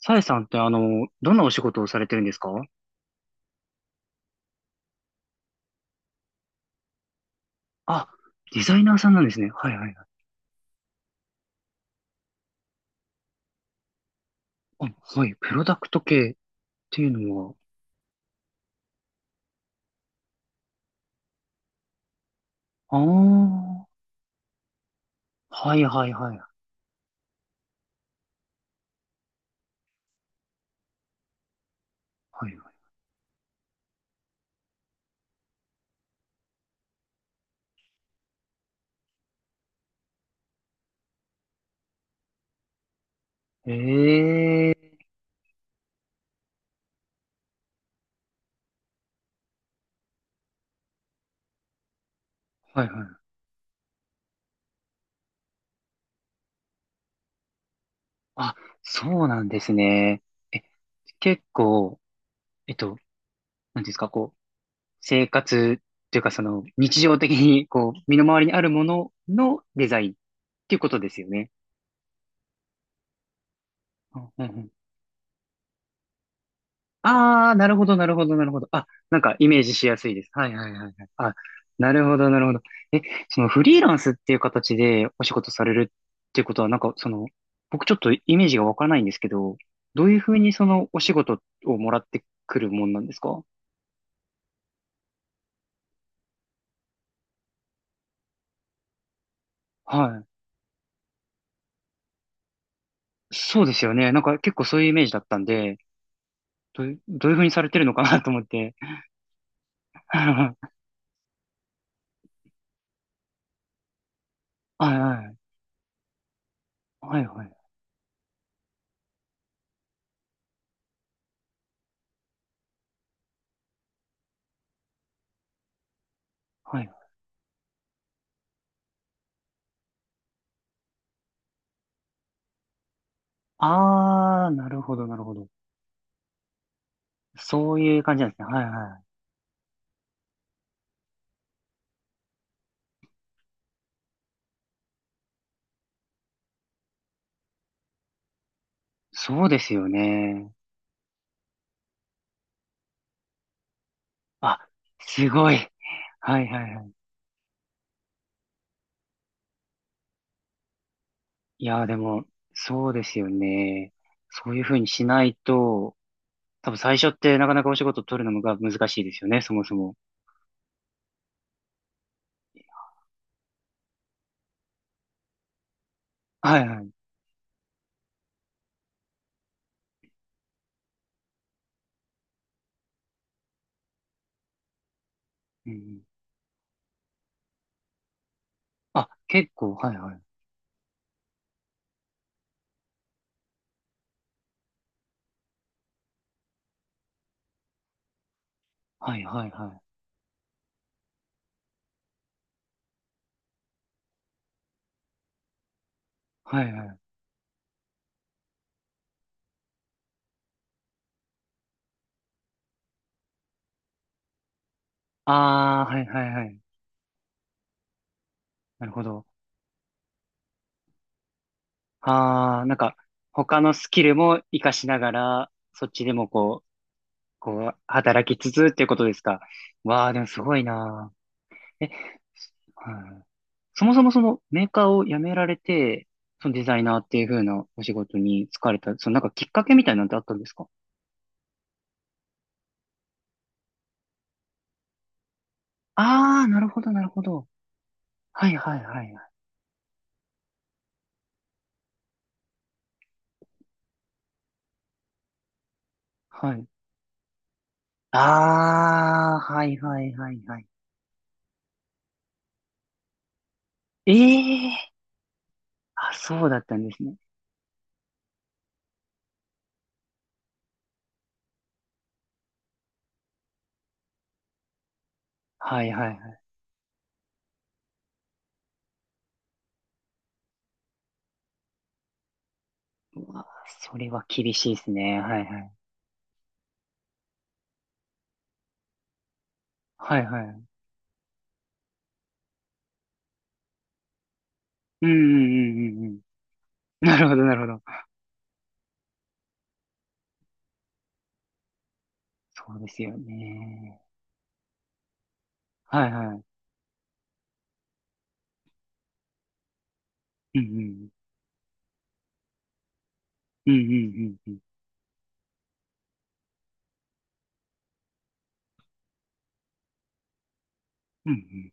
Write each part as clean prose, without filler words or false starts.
さえさんってどんなお仕事をされてるんですか？あ、デザイナーさんなんですね。はいはいはい。あ、はい、プロダクト系っていうのは、ああ、はいはいはい。はいはい。ええ、はいはい。あ、そうなんですね。え、結構、えっと、なんていうんですか、こう、生活っていうかその、日常的に、こう、身の回りにあるもののデザインっていうことですよね。あうんうん、ああ、なるほど、なるほど、なるほど。あ、なんかイメージしやすいです。はいはいはいはい。あ、なるほど、なるほど。え、そのフリーランスっていう形でお仕事されるっていうことは、なんかその、僕ちょっとイメージがわからないんですけど、どういうふうにそのお仕事をもらってくるもんなんですか？はい。そうですよね。なんか結構そういうイメージだったんで、どういうふうにされてるのかなと思って。はいはい。はいはい。はい。ああ、なるほど、なるほど。そういう感じなんですね。はいはい。そうですよね。あ、すごい。はいはいはい。いやー、でも、そうですよね。そういうふうにしないと、多分最初ってなかなかお仕事取るのが難しいですよね、そもそも。はいはい。うんうん、あ、結構、はいはい。はいはいはい。はいはい。あー、はいはいはい。なるほど。あー、なんか、他のスキルも活かしながら、そっちでもこう、働きつつっていうことですか？わー、でもすごいなー。え、はい。そもそもそのメーカーを辞められて、そのデザイナーっていう風なお仕事に就かれた、そのなんかきっかけみたいなんてあったんですか？ああー、なるほど、なるほど。はいはいはいはい。はい。ああ、はいはいはいはい。ええ、あ、そうだったんですね。はいはいはい。うわ、それは厳しいですね。はいはい。はいはい。うんうんうんうんうん。なるほどなるほど。そうですよね。はいはい。うんうん。うんうんうんうん。うんうん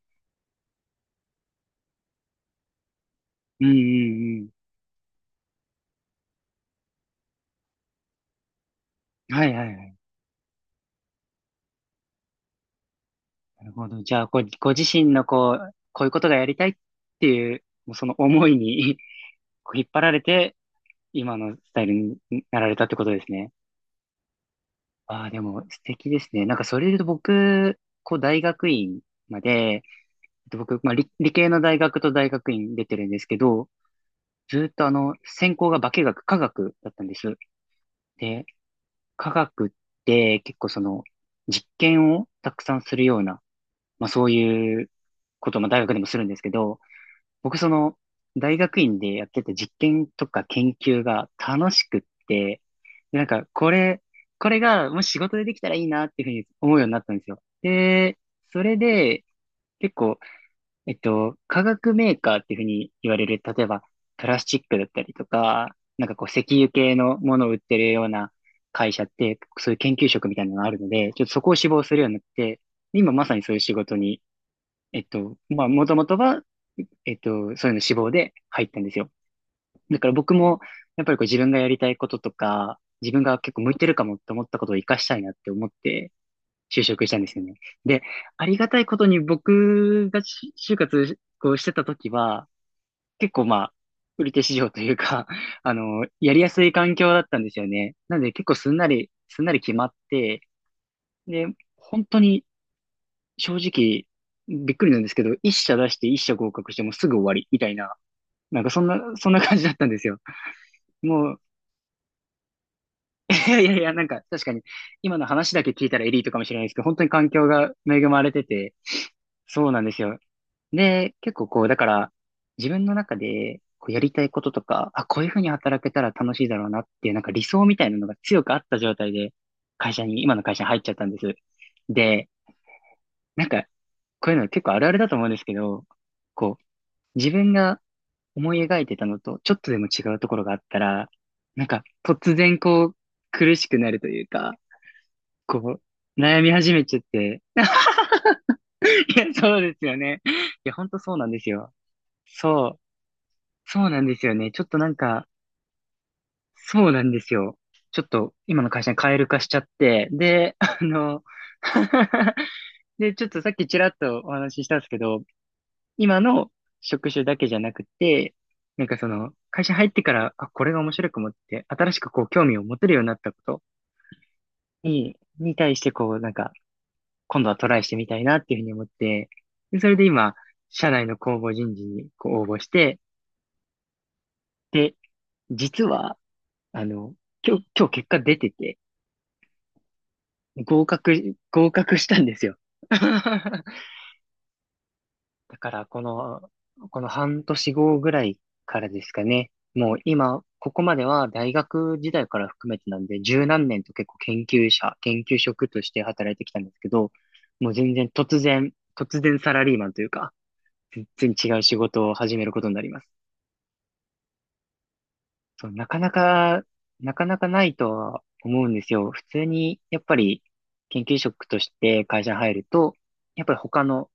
うんうんうん。はいはいはい。なるほど。じゃあ、ご自身のこう、こういうことがやりたいっていう、もうその思いに こう引っ張られて、今のスタイルになられたってことですね。ああ、でも素敵ですね。なんかそれで言うと僕、こう大学院まで、僕、まあ理系の大学と大学院出てるんですけど、ずーっと専攻が化学だったんです。で、化学って結構その、実験をたくさんするような、まあそういうことも大学でもするんですけど、僕その大学院でやってた実験とか研究が楽しくって、でなんかこれがもし仕事でできたらいいなっていうふうに思うようになったんですよ。で、それで結構、化学メーカーっていうふうに言われる、例えばプラスチックだったりとか、なんかこう石油系のものを売ってるような会社って、そういう研究職みたいなのがあるので、ちょっとそこを志望するようになって、今まさにそういう仕事にまあ、もともとは、えっと、そういうの志望で入ったんですよ。だから僕も、やっぱりこう自分がやりたいこととか、自分が結構向いてるかもって思ったことを活かしたいなって思って、就職したんですよね。で、ありがたいことに僕が就活こうしてた時は、結構まあ、売り手市場というか、やりやすい環境だったんですよね。なので結構すんなり決まって、で、本当に正直、びっくりなんですけど、一社出して一社合格してもうすぐ終わり、みたいな、なんかそんな感じだったんですよ。もう、いやいやいや、なんか確かに、今の話だけ聞いたらエリートかもしれないですけど、本当に環境が恵まれてて、そうなんですよ。で、結構こう、だから、自分の中で、こうやりたいこととか、あ、こういうふうに働けたら楽しいだろうなっていう、なんか理想みたいなのが強くあった状態で、会社に、今の会社に入っちゃったんです。で、なんか、こういうの結構あるあるだと思うんですけど、こう、自分が思い描いてたのとちょっとでも違うところがあったら、なんか突然こう苦しくなるというか、こう悩み始めちゃって。いや、そうですよね。いや、ほんとそうなんですよ。そう、そうなんですよね。ちょっとなんか、そうなんですよ。ちょっと今の会社に蛙化しちゃって、で、で、ちょっとさっきちらっとお話ししたんですけど、今の職種だけじゃなくて、なんかその、会社入ってから、あ、これが面白く思って、新しくこう、興味を持てるようになったことに対してこう、なんか、今度はトライしてみたいなっていうふうに思って、で、それで今、社内の公募人事にこう応募して、で、実は、あの、今日結果出てて、合格したんですよ。だから、この半年後ぐらいからですかね。もう今、ここまでは大学時代から含めてなんで、十何年と結構研究者、研究職として働いてきたんですけど、もう全然突然サラリーマンというか、全然違う仕事を始めることになります。そう、なかなかないとは思うんですよ。普通に、やっぱり研究職として会社に入ると、やっぱり他の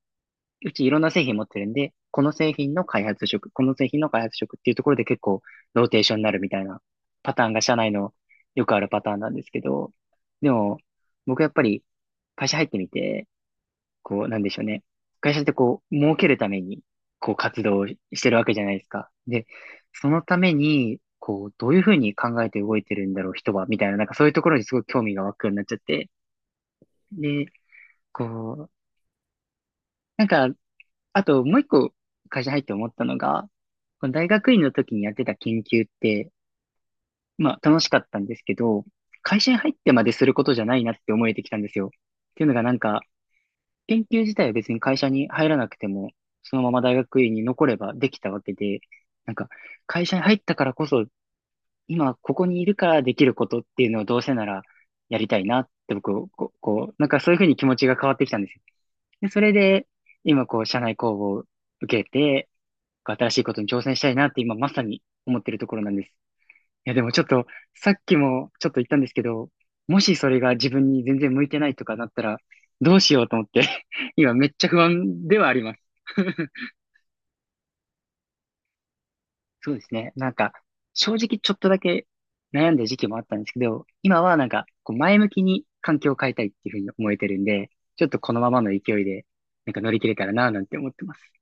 うちいろんな製品持ってるんで、この製品の開発職、この製品の開発職っていうところで結構ローテーションになるみたいなパターンが社内のよくあるパターンなんですけど、でも僕やっぱり会社入ってみて、こうなんでしょうね。会社ってこう儲けるためにこう活動をしてるわけじゃないですか。で、そのためにこうどういうふうに考えて動いてるんだろう人はみたいな、なんかそういうところにすごい興味が湧くようになっちゃって、で、こう、なんかあと、もう一個会社入って思ったのが、この大学院の時にやってた研究って、まあ楽しかったんですけど、会社に入ってまですることじゃないなって思えてきたんですよ。っていうのがなんか、研究自体は別に会社に入らなくても、そのまま大学院に残ればできたわけで、なんか、会社に入ったからこそ、今ここにいるからできることっていうのをどうせならやりたいなって僕、こうなんかそういうふうに気持ちが変わってきたんですよ。で、それで、今こう、社内公募を受けて、新しいことに挑戦したいなって今まさに思ってるところなんです。いや、でもちょっと、さっきもちょっと言ったんですけど、もしそれが自分に全然向いてないとかなったら、どうしようと思って 今めっちゃ不安ではあります。そうですね。なんか、正直ちょっとだけ悩んだ時期もあったんですけど、今はなんか、こう前向きに環境を変えたいっていうふうに思えてるんで、ちょっとこのままの勢いで、なんか乗り切れたらなぁなんて思ってます。